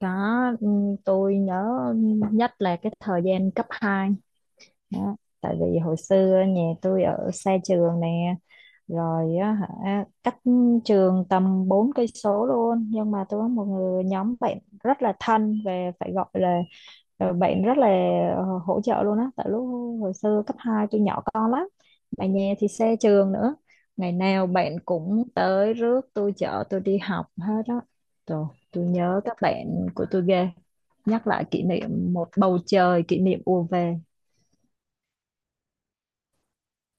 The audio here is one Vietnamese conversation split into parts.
Đó, tôi nhớ nhất là cái thời gian cấp 2, đó. Tại vì hồi xưa nhà tôi ở xa trường nè, rồi á hả cách trường tầm 4 cây số luôn, nhưng mà tôi có một người nhóm bạn rất là thân về phải gọi là bạn rất là hỗ trợ luôn á, tại lúc hồi xưa cấp 2 tôi nhỏ con lắm. Mà nhà thì xa trường nữa. Ngày nào bạn cũng tới rước tôi chở tôi đi học hết á. Trời, tôi nhớ các bạn của tôi ghê, nhắc lại kỷ niệm một bầu trời kỷ niệm ùa về.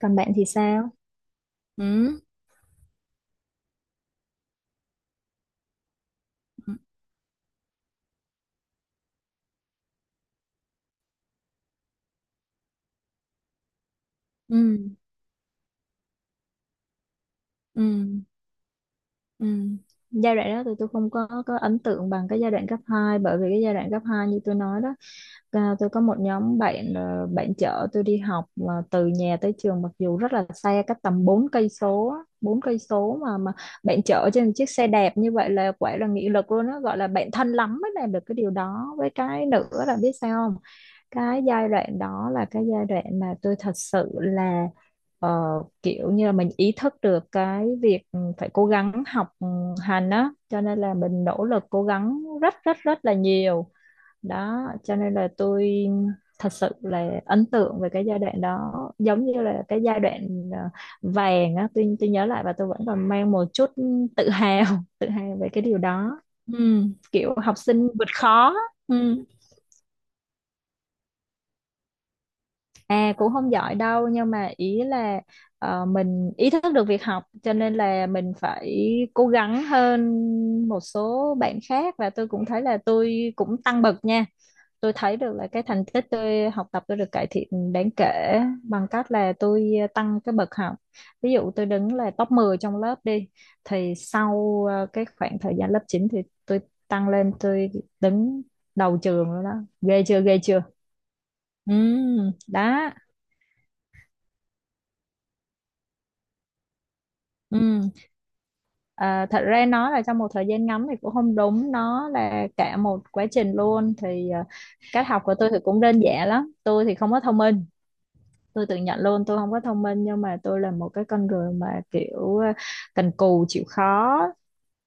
Còn bạn thì sao? Ừ. Ừ. Ừ. Ừ. Giai đoạn đó thì tôi không có ấn tượng bằng cái giai đoạn cấp hai, bởi vì cái giai đoạn cấp 2 như tôi nói đó, tôi có một nhóm bạn, bạn chở tôi đi học mà từ nhà tới trường mặc dù rất là xa, cách tầm 4 cây số á, bốn cây số mà bạn chở trên một chiếc xe đẹp như vậy là quả là nghị lực luôn đó, gọi là bạn thân lắm mới làm được cái điều đó. Với cái nữa là biết sao không, cái giai đoạn đó là cái giai đoạn mà tôi thật sự là ờ, kiểu như là mình ý thức được cái việc phải cố gắng học hành á, cho nên là mình nỗ lực cố gắng rất rất rất là nhiều đó, cho nên là tôi thật sự là ấn tượng về cái giai đoạn đó, giống như là cái giai đoạn ờ, vàng á. Tôi nhớ lại và tôi vẫn còn mang một chút tự hào tự hào về cái điều đó. Ừ, kiểu học sinh vượt khó. Ừ. À, cũng không giỏi đâu, nhưng mà ý là mình ý thức được việc học cho nên là mình phải cố gắng hơn một số bạn khác, và tôi cũng thấy là tôi cũng tăng bậc nha. Tôi thấy được là cái thành tích tôi học tập tôi được cải thiện đáng kể bằng cách là tôi tăng cái bậc học. Ví dụ tôi đứng là top 10 trong lớp đi, thì sau cái khoảng thời gian lớp 9 thì tôi tăng lên, tôi đứng đầu trường rồi đó. Ghê chưa ghê chưa? Ừ, đó. Ừ. À, thật ra nói là trong một thời gian ngắn thì cũng không đúng, nó là cả một quá trình luôn. Thì cách học của tôi thì cũng đơn giản lắm. Tôi thì không có thông minh, tôi tự nhận luôn tôi không có thông minh, nhưng mà tôi là một cái con người mà kiểu cần cù chịu khó.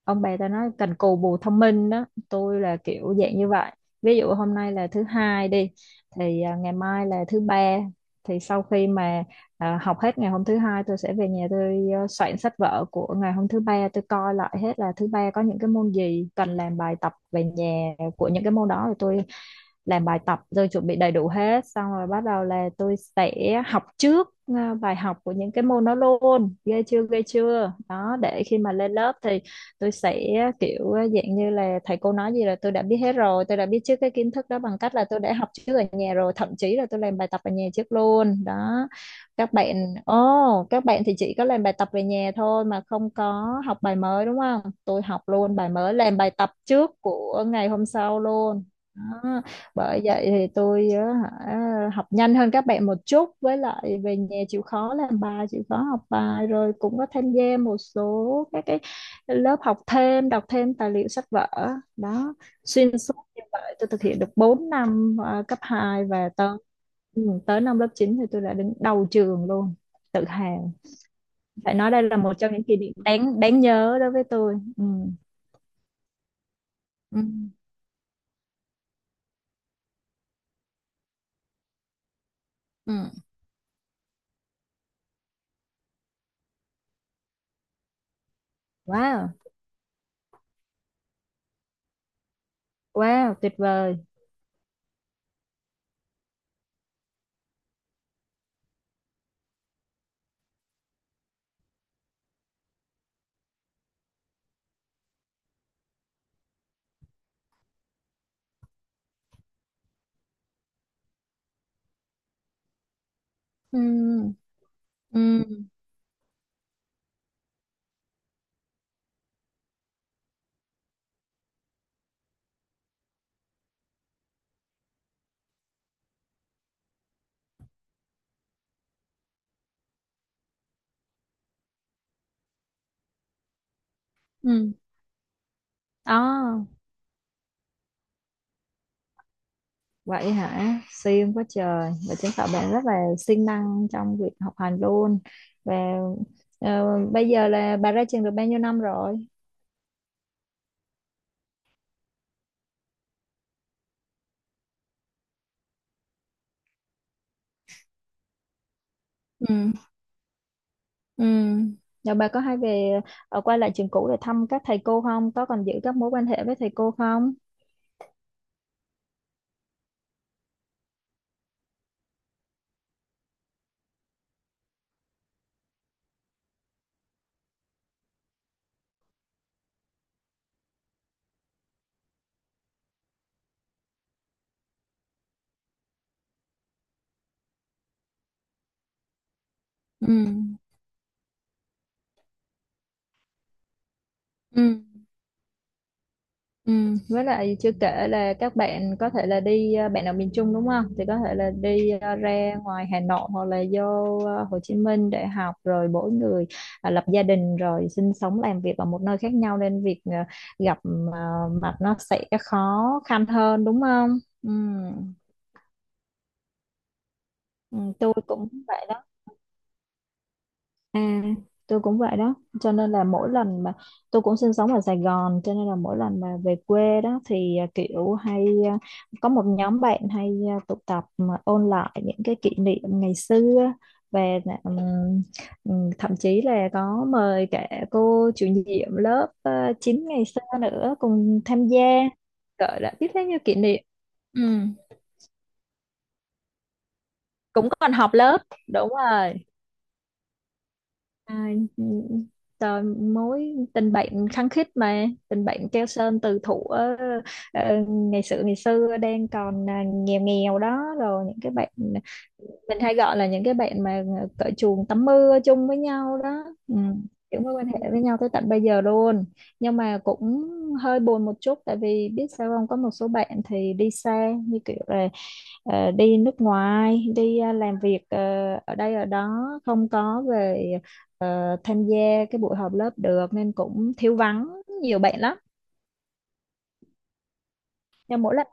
Ông bà ta nói cần cù bù thông minh đó, tôi là kiểu dạng như vậy. Ví dụ hôm nay là thứ hai đi, thì ngày mai là thứ ba, thì sau khi mà học hết ngày hôm thứ hai tôi sẽ về nhà, tôi soạn sách vở của ngày hôm thứ ba, tôi coi lại hết là thứ ba có những cái môn gì cần làm bài tập về nhà của những cái môn đó, rồi tôi làm bài tập rồi chuẩn bị đầy đủ hết, xong rồi bắt đầu là tôi sẽ học trước bài học của những cái môn đó luôn. Ghê chưa ghê chưa? Đó, để khi mà lên lớp thì tôi sẽ kiểu dạng như là thầy cô nói gì là tôi đã biết hết rồi, tôi đã biết trước cái kiến thức đó bằng cách là tôi đã học trước ở nhà rồi, thậm chí là tôi làm bài tập ở nhà trước luôn đó. Các bạn, ô các bạn thì chỉ có làm bài tập về nhà thôi mà không có học bài mới đúng không, tôi học luôn bài mới, làm bài tập trước của ngày hôm sau luôn đó. Bởi vậy thì tôi á, hả, học nhanh hơn các bạn một chút, với lại về nhà chịu khó làm bài chịu khó học bài, rồi cũng có tham gia một số các cái lớp học thêm, đọc thêm tài liệu sách vở đó, xuyên suốt như vậy tôi thực hiện được 4 năm cấp hai, và tới ừ, tới năm lớp 9 thì tôi đã đứng đầu trường luôn, tự hào. Phải nói đây là một trong những kỷ niệm đáng đáng nhớ đối với tôi. Ừ. Ừ. Ừ. Wow. Wow, tuyệt vời. Ừ. Ừ. Ừ. À. Vậy hả? Siêng quá trời. Và chứng tỏ bạn rất là siêng năng trong việc học hành luôn. Và ờ, bây giờ là bà ra trường được bao nhiêu năm rồi? Ừ. Ừ. Rồi bà có hay về quay lại trường cũ để thăm các thầy cô không? Có còn giữ các mối quan hệ với thầy cô không? Ừ. Ừ. Ừ, với lại chưa kể là các bạn có thể là đi bạn ở miền Trung đúng không? Thì có thể là đi ra ngoài Hà Nội hoặc là vô Hồ Chí Minh để học, rồi mỗi người lập gia đình rồi sinh sống làm việc ở một nơi khác nhau, nên việc gặp à, mặt nó sẽ khó khăn hơn đúng không? Ừ. Ừ, tôi cũng vậy đó. À, tôi cũng vậy đó, cho nên là mỗi lần mà tôi cũng sinh sống ở Sài Gòn, cho nên là mỗi lần mà về quê đó thì kiểu hay có một nhóm bạn hay tụ tập mà ôn lại những cái kỷ niệm ngày xưa, về thậm chí là có mời cả cô chủ nhiệm lớp 9 ngày xưa nữa cùng tham gia, gọi là biết bao nhiêu kỷ niệm. Ừ, cũng còn họp lớp. Đúng rồi. À, trời, mối tình bạn khăng khít, mà tình bạn keo sơn từ thuở ngày xưa đang còn nghèo nghèo đó, rồi những cái bạn mình hay gọi là những cái bạn mà cởi chuồng tắm mưa chung với nhau đó. Ừ, những mối quan hệ với nhau tới tận bây giờ luôn, nhưng mà cũng hơi buồn một chút, tại vì biết sao không, có một số bạn thì đi xa, như kiểu là đi nước ngoài, đi làm việc ở đây ở đó, không có về tham gia cái buổi họp lớp được, nên cũng thiếu vắng nhiều bạn lắm. Nhưng mỗi lần.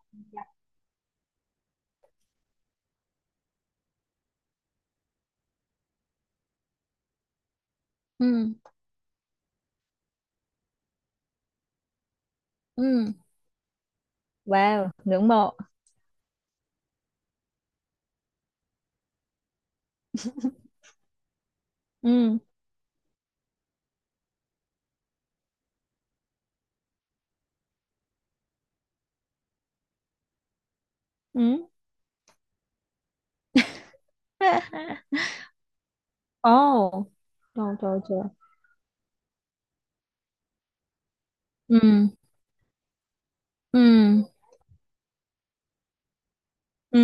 Ừ. Ừ. Wow, ngưỡng mộ. Ừ. Ừ. Ồ. Trời trời trời. Ừ. Ừ. Ừ.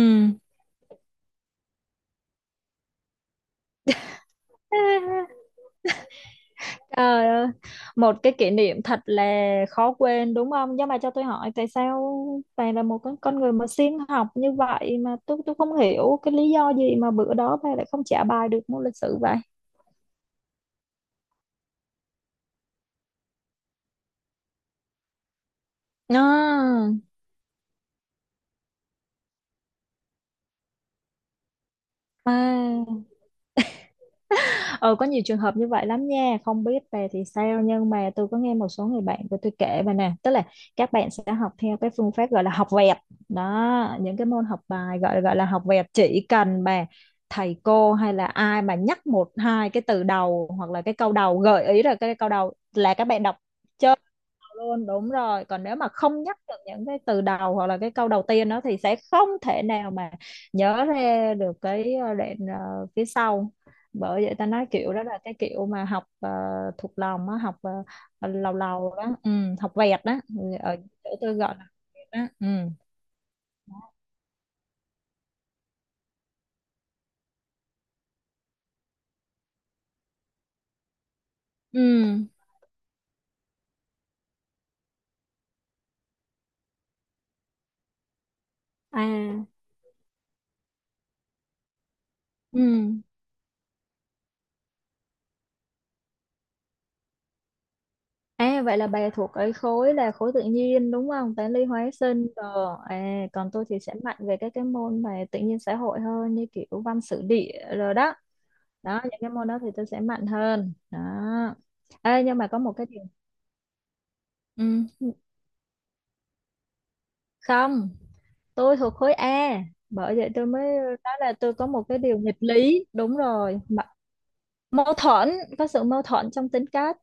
Trời ơi, một cái kỷ niệm thật là khó quên đúng không? Nhưng mà cho tôi hỏi, tại sao bạn là một con người mà siêng học như vậy mà tôi không hiểu cái lý do gì mà bữa đó bạn lại không trả bài được môn lịch sử vậy? À. À. Ờ, có nhiều trường hợp như vậy lắm nha, không biết về thì sao, nhưng mà tôi có nghe một số người bạn của tôi kể mà nè, tức là các bạn sẽ học theo cái phương pháp gọi là học vẹt đó, những cái môn học bài gọi gọi là học vẹt, chỉ cần mà thầy cô hay là ai mà nhắc một hai cái từ đầu hoặc là cái câu đầu gợi ý là cái câu đầu là các bạn đọc luôn, đúng rồi, còn nếu mà không nhắc được những cái từ đầu hoặc là cái câu đầu tiên đó thì sẽ không thể nào mà nhớ ra được cái đoạn phía sau. Bởi vậy ta nói kiểu đó là cái kiểu mà học thuộc lòng á, học lầu lầu đó, ừ, học vẹt đó. Ừ, ở chỗ tôi gọi là vẹt đó. Ừ. Ừ. À. Ừ. À, vậy là bà thuộc cái khối là khối tự nhiên đúng không? Toán lý hóa sinh rồi. À, còn tôi thì sẽ mạnh về các cái môn mà tự nhiên xã hội hơn, như kiểu văn sử địa rồi đó. Đó, những cái môn đó thì tôi sẽ mạnh hơn. Đó. Ê, nhưng mà có một cái điều. Ừ. Không, tôi thuộc khối A. Bởi vậy tôi mới nói là tôi có một cái điều nghịch lý. Đúng rồi. Mà- Mâu thuẫn, có sự mâu thuẫn trong tính cách.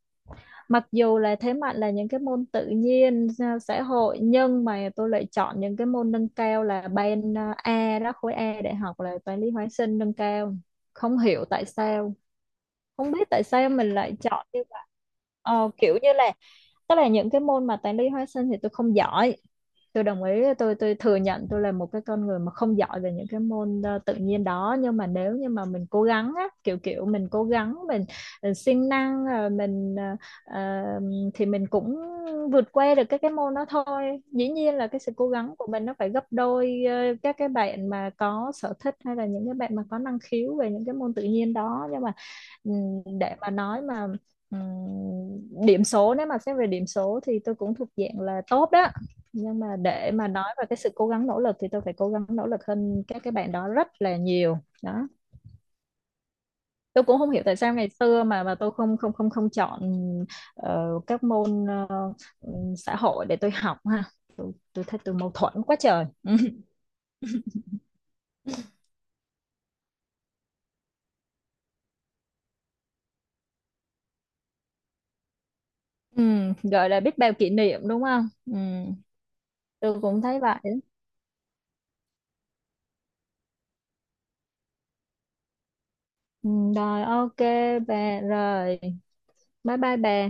Mặc dù là thế mạnh là những cái môn tự nhiên xã hội, nhưng mà tôi lại chọn những cái môn nâng cao là ban A đó, khối A đại học là toán lý hóa sinh nâng cao, không hiểu tại sao, không biết tại sao mình lại chọn như vậy. Kiểu như là, tức là những cái môn mà toán lý hóa sinh thì tôi không giỏi, tôi đồng ý, tôi thừa nhận tôi là một cái con người mà không giỏi về những cái môn tự nhiên đó, nhưng mà nếu như mà mình cố gắng á, kiểu kiểu mình cố gắng mình siêng năng mình ờ, thì mình cũng vượt qua được các cái môn đó thôi. Dĩ nhiên là cái sự cố gắng của mình nó phải gấp đôi các cái bạn mà có sở thích hay là những cái bạn mà có năng khiếu về những cái môn tự nhiên đó, nhưng mà ừm, để mà nói mà ừm, điểm số, nếu mà xét về điểm số thì tôi cũng thuộc dạng là tốt đó, nhưng mà để mà nói về cái sự cố gắng nỗ lực thì tôi phải cố gắng nỗ lực hơn các cái bạn đó rất là nhiều đó. Tôi cũng không hiểu tại sao ngày xưa mà tôi không không không không chọn các môn xã hội để tôi học ha. Tôi thấy tôi mâu thuẫn quá trời gọi là biết bao kỷ niệm đúng không. Tôi cũng thấy vậy. Rồi ok bà. Rồi bye bye bà.